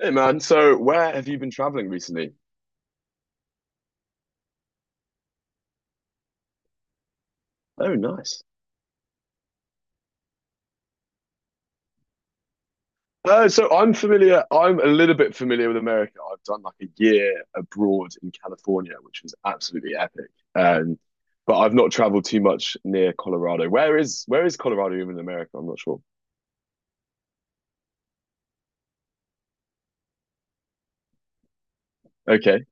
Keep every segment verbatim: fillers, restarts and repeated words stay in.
Hey man, so where have you been traveling recently? Oh, nice. Uh, so I'm familiar, I'm a little bit familiar with America. I've done like a year abroad in California, which was absolutely epic. Um, but I've not traveled too much near Colorado. Where is where is Colorado even in America? I'm not sure. Okay.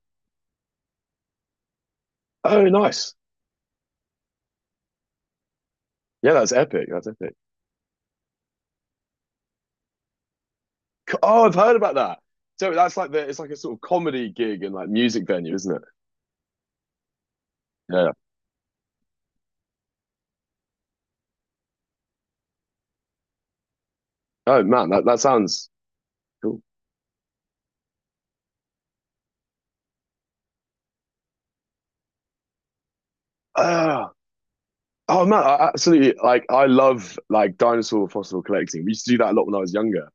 Oh, nice. Yeah, that's epic. That's epic. Co- Oh, I've heard about that. So that's like the it's like a sort of comedy gig and like music venue, isn't it? Yeah. Oh man, that, that sounds cool. Ah, oh man, I absolutely like I love like dinosaur fossil collecting. We used to do that a lot when I was younger.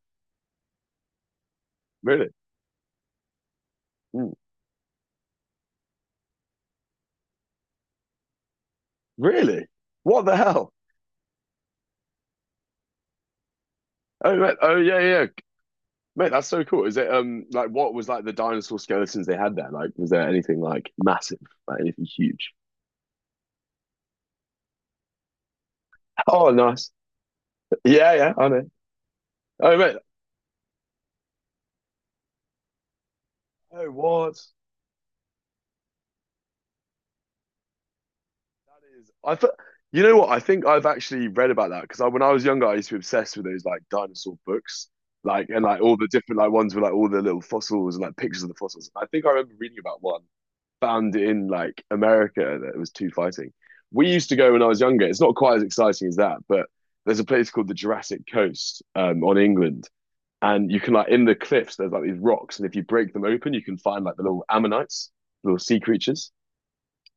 Really? Mm, really? What the hell? Oh man, oh yeah, yeah. Mate, that's so cool. Is it um like what was like the dinosaur skeletons they had there? Like was there anything like massive, like anything huge? Oh nice. Yeah, yeah, I know. Oh mate. Oh what? I th- you know what? I think I've actually read about that because I, when I was younger, I used to be obsessed with those like dinosaur books, like and like all the different like ones with like all the little fossils and like pictures of the fossils. I think I remember reading about one found in like America that was two fighting. We used to go when I was younger. It's not quite as exciting as that, but there's a place called the Jurassic Coast um, on England, and you can like in the cliffs there's like these rocks, and if you break them open, you can find like the little ammonites, little sea creatures.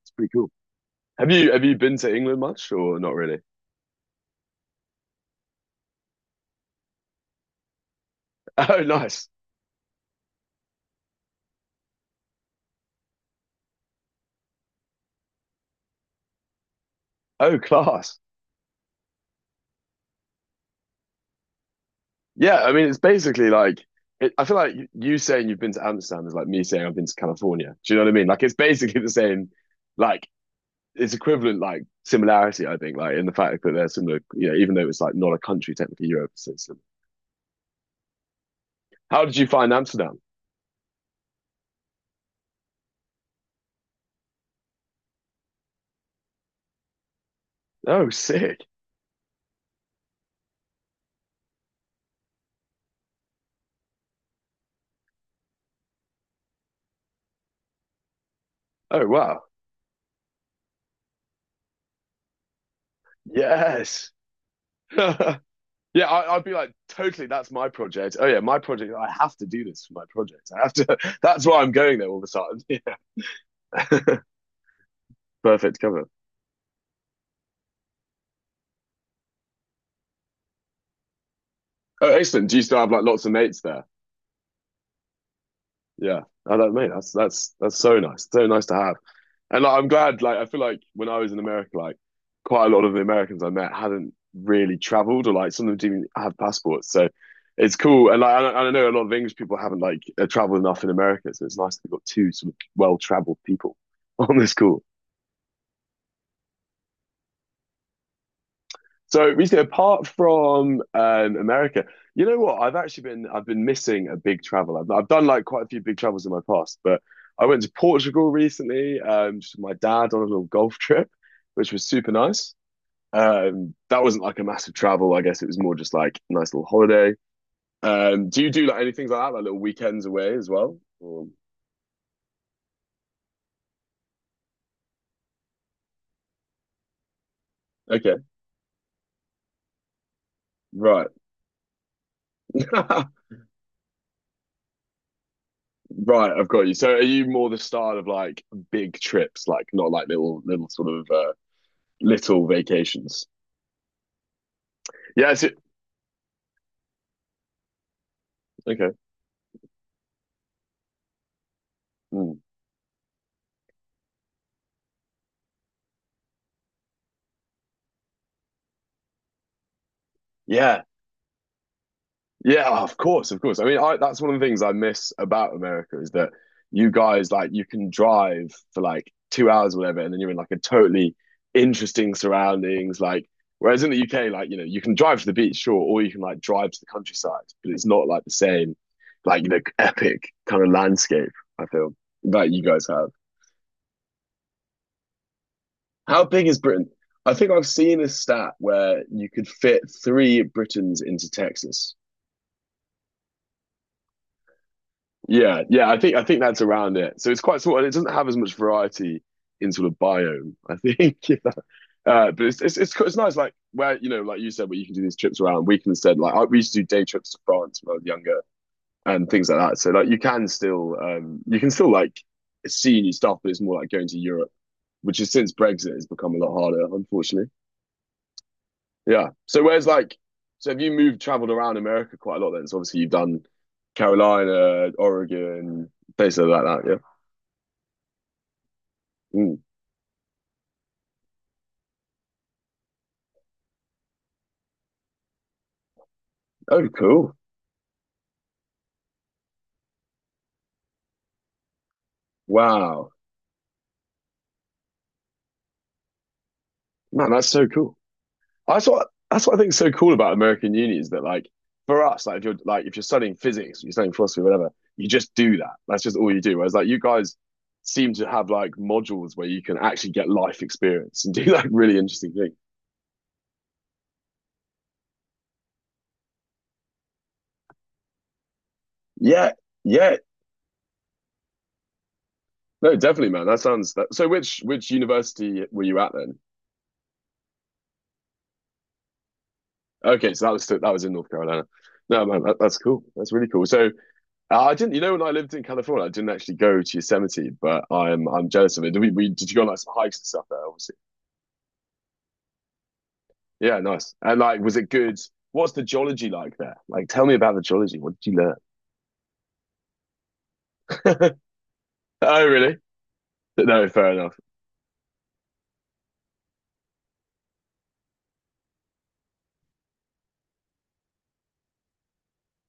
It's pretty cool. Have you have you been to England much or not really? Oh, nice. Oh, class. Yeah, I mean, it's basically like it, I feel like y- you saying you've been to Amsterdam is like me saying I've been to California. Do you know what I mean? Like it's basically the same. Like it's equivalent, like similarity. I think, like in the fact that they're similar. You know, even though it's like not a country technically, Europe is similar. How did you find Amsterdam? Oh, sick. Oh, wow. Yes. Yeah, I, I'd be like, totally, that's my project. Oh yeah, my project. I have to do this for my project. I have to. That's why I'm going there all the time. Yeah. Perfect cover. Oh, excellent. Do you still have like lots of mates there? Yeah, I don't mean that's that's that's so nice, so nice to have. And like, I'm glad. Like, I feel like when I was in America, like quite a lot of the Americans I met hadn't really traveled, or like some of them didn't even have passports. So it's cool. And like, I, I know a lot of English people haven't like uh, traveled enough in America, so it's nice that we've got two sort of well-traveled people on this call. So recently, apart from um, America, you know what? I've actually been I've been missing a big travel. I've, I've done like quite a few big travels in my past, but I went to Portugal recently, um, just with my dad on a little golf trip, which was super nice. Um, that wasn't like a massive travel. I guess it was more just like a nice little holiday. Um, do you do like anything like that, like little weekends away as well? Or... Okay, right, right. I've got you. So are you more the style of like big trips, like not like little little sort of uh, little vacations. Yeah. It's, okay. Mm. Yeah. Yeah. Oh, of course. Of course. I mean, I, that's one of the things I miss about America is that you guys like you can drive for like two hours, or whatever, and then you're in like a totally interesting surroundings. Like, whereas in the U K, like you know, you can drive to the beach, sure, or you can like drive to the countryside, but it's not like the same, like you know, epic kind of landscape. I feel that you guys have. How big is Britain? I think I've seen a stat where you could fit three Britons into Texas. Yeah, yeah, I think I think that's around it. So it's quite small, and it doesn't have as much variety in sort of biome. I think, uh, but it's, it's it's it's nice, like where you know, like you said, where you can do these trips around. We can instead, like I, we used to do day trips to France when I was younger and things like that. So like you can still um you can still like see new stuff, but it's more like going to Europe, which is since Brexit has become a lot harder, unfortunately. Yeah. So whereas like, so have you moved, traveled around America quite a lot then? So obviously you've done Carolina, Oregon, places like that. Yeah. Mm. Oh, cool. Wow. Man, that's so cool. That's what that's what I think is so cool about American uni is that like for us, like if you're like if you're studying physics, you're studying philosophy, whatever, you just do that. That's just all you do. Whereas like you guys seem to have like modules where you can actually get life experience and do like really interesting things. Yeah, yeah, no, definitely, man. That sounds that. So, which which university were you at then? Okay, so that was that was in North Carolina. No, man, that, that's cool. That's really cool. So, uh, I didn't. You know, when I lived in California, I didn't actually go to Yosemite, but I'm I'm jealous of it. Did we, we did you go on like some hikes and stuff there? Obviously, yeah, nice. And like, was it good? What's the geology like there? Like, tell me about the geology. What did you learn? Oh, really? No, fair enough.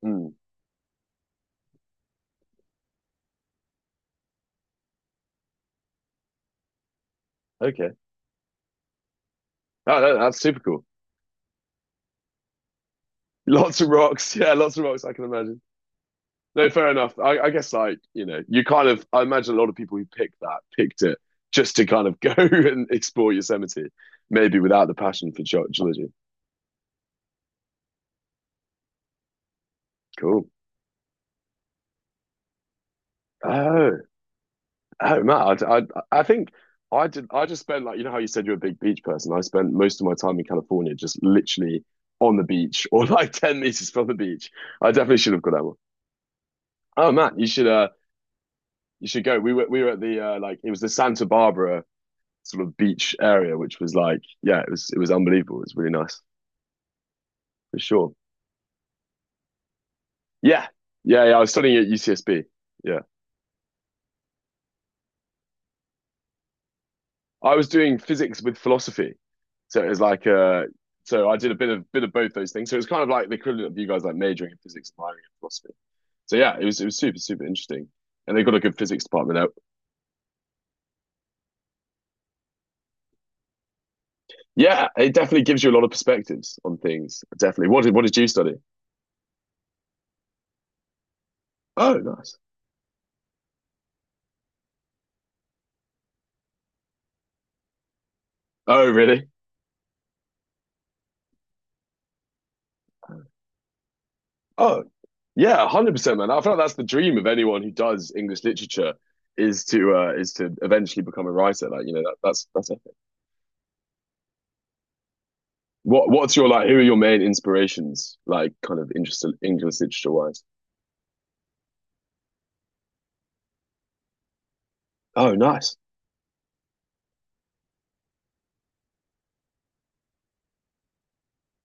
Hmm. Okay. Oh, that, that's super cool. Lots of rocks. Yeah, lots of rocks. I can imagine. No, fair enough. I, I guess like, you know, you kind of I imagine a lot of people who picked that picked it just to kind of go and explore Yosemite, maybe without the passion for ge- geology. Cool. Oh, oh, Matt, I, I, I think I did. I just spent like you know how you said you're a big beach person. I spent most of my time in California just literally on the beach or like ten meters from the beach. I definitely should have got that one. Oh, Matt, you should uh you should go. We were we were at the uh, like it was the Santa Barbara sort of beach area, which was like, yeah, it was it was unbelievable. It was really nice for sure. Yeah, yeah, yeah. I was studying at U C S B. Yeah, I was doing physics with philosophy, so it was like uh, so I did a bit of bit of both those things. So it was kind of like the equivalent of you guys like majoring in physics and minoring in philosophy. So yeah, it was it was super super interesting. And they got a good physics department out. Yeah, it definitely gives you a lot of perspectives on things. Definitely. What did what did you study? Oh, nice. Oh, really? Oh, yeah, one hundred percent, man. I feel like that's the dream of anyone who does English literature is to uh, is to eventually become a writer. Like you know that, that's that's it. What what's your like? Who are your main inspirations? Like kind of interest English literature wise. Oh, nice,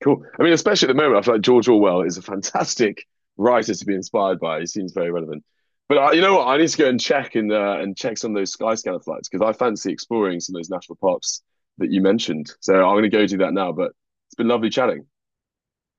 cool. I mean, especially at the moment, I feel like George Orwell is a fantastic writer to be inspired by. He seems very relevant. But uh, you know what? I need to go and check and uh, and check some of those Skyscanner flights because I fancy exploring some of those national parks that you mentioned. So I'm going to go do that now. But it's been lovely chatting.